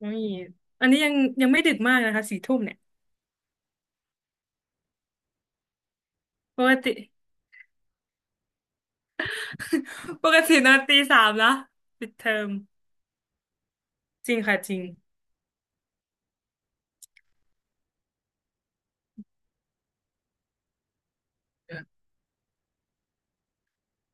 อุ้ยอันนี้ยังไม่ดึกมากนะคะ4 ทุ่มเนี่ยปกติ ปกตินอนตี 3นะปิดเทอมจริงค่ะจริง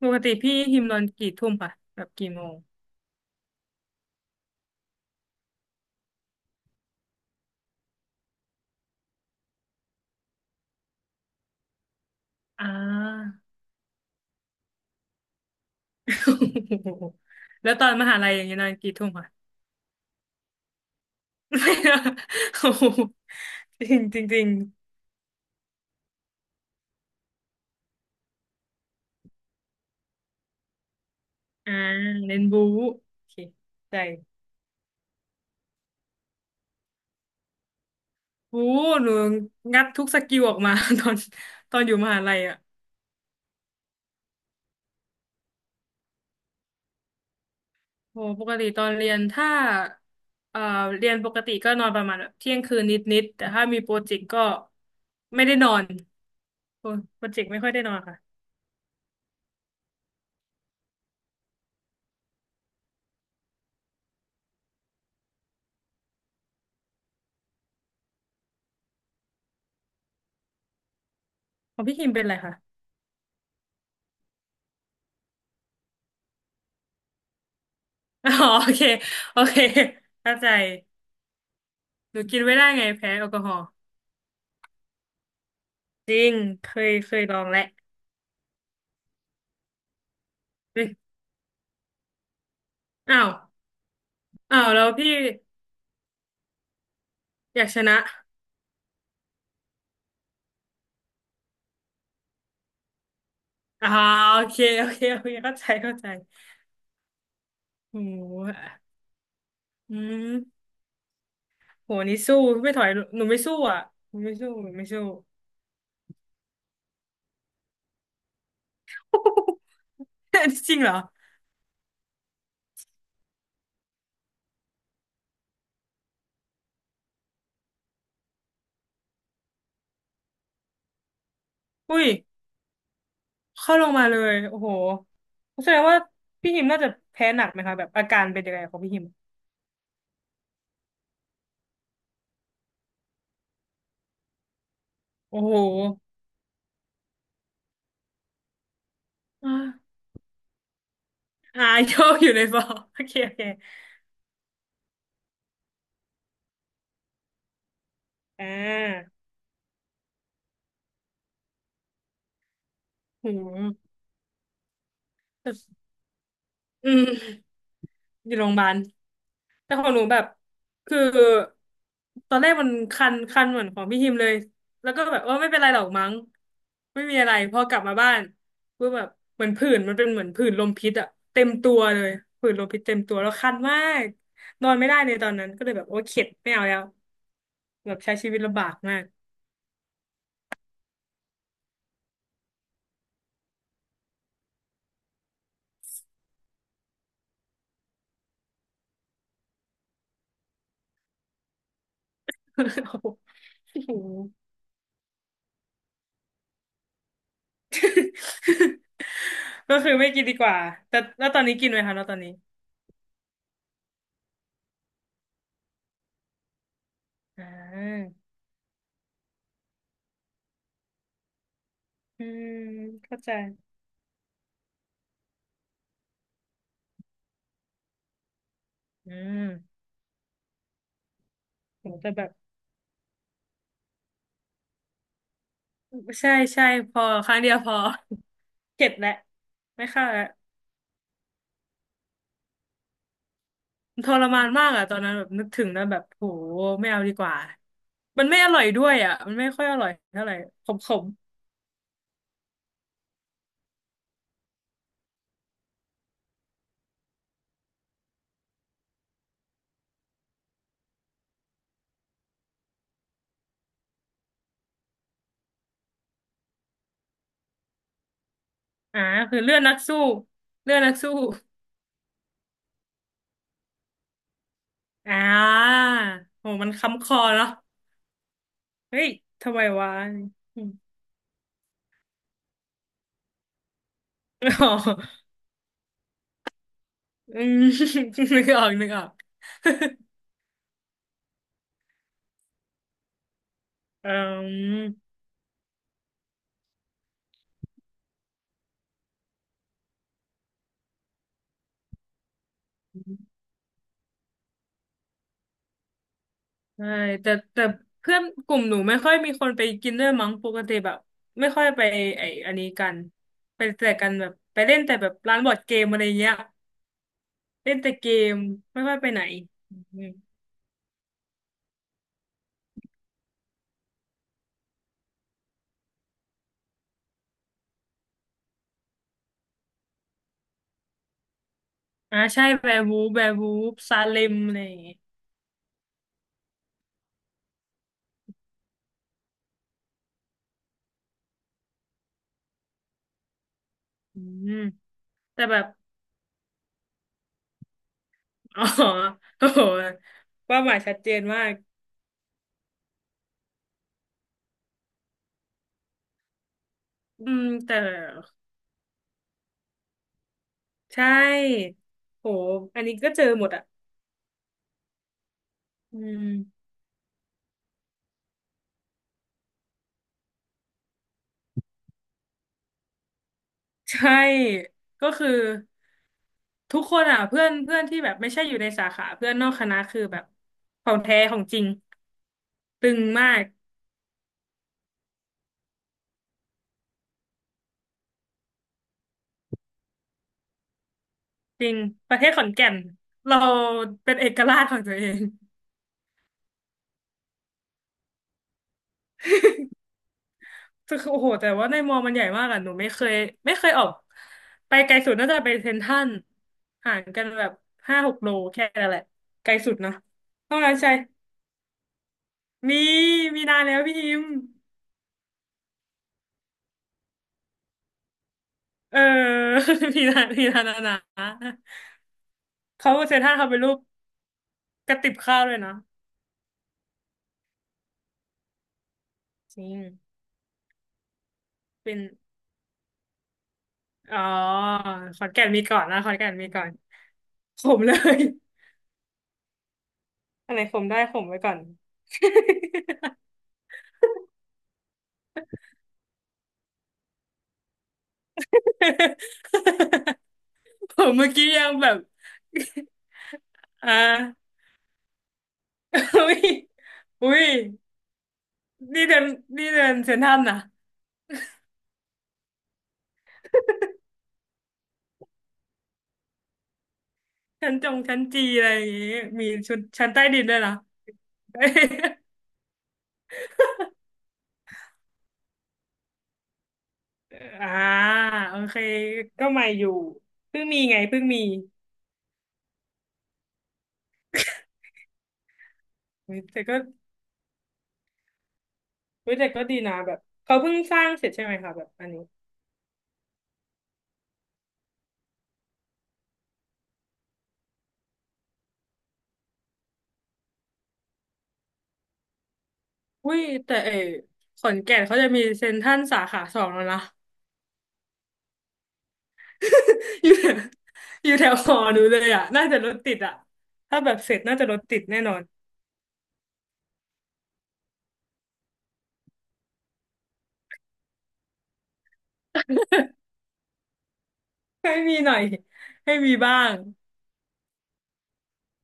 ปกติพี่ฮิมนอนกี่ทุ่มค่ะแบบกี่โมงอ่า แล้วตอนมหาลัยอย่างเงี้ยนอนกี่ทุ่มค่ะ โอ้โห จริงจริงจริงอ่าเน้นบู๊โอเคใจบู๊หนูงัดทุกสกิลออกมา ตอนตอนอยู่มหาลัยอ่ะ โหปกติตอนเรียนถ้าเอ่อเรียนปกติก็นอนประมาณแบบเที่ยงคืนนิดๆแต่ถ้ามีโปรเจกต์ก็ไม่ได้นอนโอ้โปรเจกต์ไม่ค่อยได้นอนค่ะของพี่คิมเป็นอะไรคะ อ๋อโอเคโอเคเข้าใจหนูกินไม่ได้ไงแพ้แอลกอฮอล์จริงเคยลองแหล้วเฮ้ยอ้าวอ้าวแล้วพี่อยากชนะอ๋อโอเคโอเคโอเคเข้าใจเข้าใจโหอืมโหนี่สู้ไม่ถอยหนูไม่สู้อ่ะหนูไม่สู้หนูไม่สู้ จริงเหรอ อุ้ย เข้าลงมาเลย โอ้โหแสดงว่าพี่หิมน่าจะแพ้หนักไหมคะ แบบอาการเป็นยังไงของพี่หิม โอ้โห อ่าอ่าโยกอยู่ใน ฟอร์ โอเคโอเค อ่าโอ้โหอืมอยู่โรงพยาบาล แต่ของหนูแบบคือตอนแรกมันคันเหมือนของพี่ฮิมเลยแล้วก็แบบเออไม่เป็นไรหรอกมั้งไม่มีอะไรพอกลับมาบ้านก็แบบเหมือนผื่นมันเป็นเหมือนผื่นลมพิษอะเต็มตัวเลยผื่นลมพิษเต็มตัวแล้วคันมากนอนไม่ได้ในตอนนั้นก็เลยแบบโอ้เข็ดไม่เอาแล้วแบบใช้ชีวิตลำบากมาก โอ้โหก็คือไม่กินดีกว่าแต่แล้วตอนนี้กินไหมคะแล้วตอนนี้อ่าอืมเข้าใจอืมโหแต่แบบ ใช่ใช่พอครั้งเดียวพอ เข็ดแหละไม่เข้าแล้วทรมานมากอ่ะตอนนั้นแบบนึกถึงแล้วแบบโหไม่เอาดีกว่ามันไม่อร่อยด้วยอ่ะมันไม่ค่อยอร่อยเท่าไหร่ขมๆอ่าคือเลือดนักสู้เลือดนักสู้อ่าโหมันค้ำคอเนาะเฮ้ยทำไมวะอม อ๋ออืมนึกออกนึกออก อืม ใช่แต่เพื่อนกลุ่มหนูไม่ค่อยมีคนไปกินด้วยมั้งปกติแบบไม่ค่อยไปไอ้อันนี้กันไปแต่กันแบบไปเล่นแต่แบบร้านบอร์ดเกมอะไรเงี้ยเล่นแต่เกมไม่ค่อยไปไหนอืมอ่าใช่แวร์วูฟแวร์วูฟซาเลมอะไรอย่างเงี้ยอืมแต่แบบ อ๋อโอ้โหเป้าหมายชัดเจนมากอืมแต่ใช่โหอันนี้ก็เจอหมดอ่ะอืม ใช่ก็คือทุกคนอ่ะเพื่อนเพื่อนที่แบบไม่ใช่อยู่ในสาขาเพื่อนนอกคณะคือแบบของแท้ของจริงตึงมากจริงประเทศขอนแก่นเราเป็นเอกราชของตัวเองคือโอ้โหแต่ว่าในมอมันใหญ่มากอ่ะหนูไม่เคยไม่เคยออกไปไกลสุดน่าจะไปเซ็นทรัลห่างกันแบบ5-6 โลแค่นั้นแหละไกลสุดนะต้องนั้นใช่มีมีนานแล้วพี่ฮิมเออ พีนาพี่นานนนะ เขาเซนท่าเขาเป็นรูปกระติบข้าวเลยนะจริงเป็นอ๋อขอนแก่นมีก่อนนะขอนแก่นมีก่อนขมเลยอะไรขมได้ขมไว้ก่อน ผมเมื่อกี้ยังแบบ อ่าอุ้ยอุ้ยนี่เดินนี่เดินเซ็นทรัลนะชั้นจงชั้นจีอะไรอย่างงี้มีชุดชั้นใต้ดินด้วยนะ อ่าโอเคก็ใหม่อยู่เพิ่งมีไงเพิ่งมีแต่ก็ เฮ้ยแต่ก็ดีนะแบบเขาเพิ่งสร้างเสร็จใช่ไหมคะแบบอันนี้อุ้ยแต่เออขอนแก่นเขาจะมีเซ็นทรัลสาขา 2แล้วนะ อยู่แถวอยู่แถวหอหนูเลยอ่ะน่าจะรถติดอ่ะถ้าแบบเสร็จน่าจะรถติดแน่นอนให้มีหน่อยให้มีบ้าง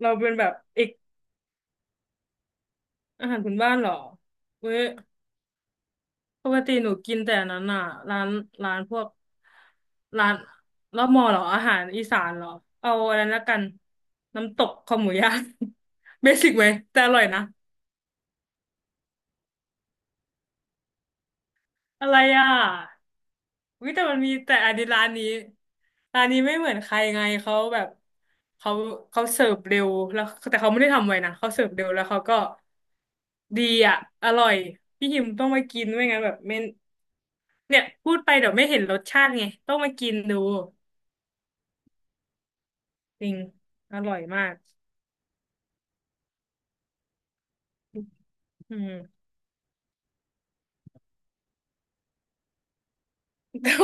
เราเป็นแบบเอกอาหารพื้นบ้านเหรอเว้ย ปกติหนูกินแต่อันนั้นอ่ะร้านพวกร้านแล้วมอเหรออาหารอีสานเหรอเอาอะไรแล้วกันน้ำตกคอหมูย่าง เบสิกไหมแต่อร่อยนะอะไรอ่ะวิแต่มันมีแต่อันนี้ร้านนี้ร้านนี้ไม่เหมือนใครไงเขาแบบเขาเขาเสิร์ฟเร็วแล้วแต่เขาไม่ได้ทำไว้นะเขาเสิร์ฟเร็วแล้วเขาก็ดีอ่ะอร่อยพี่หิมต้องมากินไม่งั้นแบบไม่เนี่ยพูดไปเดี๋ยวไม่เห็นรสชาติไงต้องมากินดู จริงอร่อยมากอืม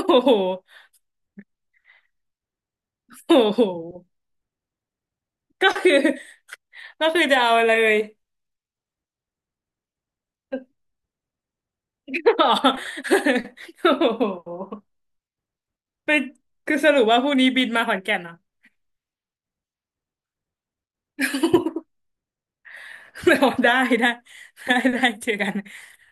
โอ้โห โอ้โห ก็คือก็คือจะเอาเลย อ๋อโอ้โหเป็นคือสรุปว่าพรุ่งนี้บินมาขอนแก่นเหรอ เรา ได้ได้ได้ได้เจอกัน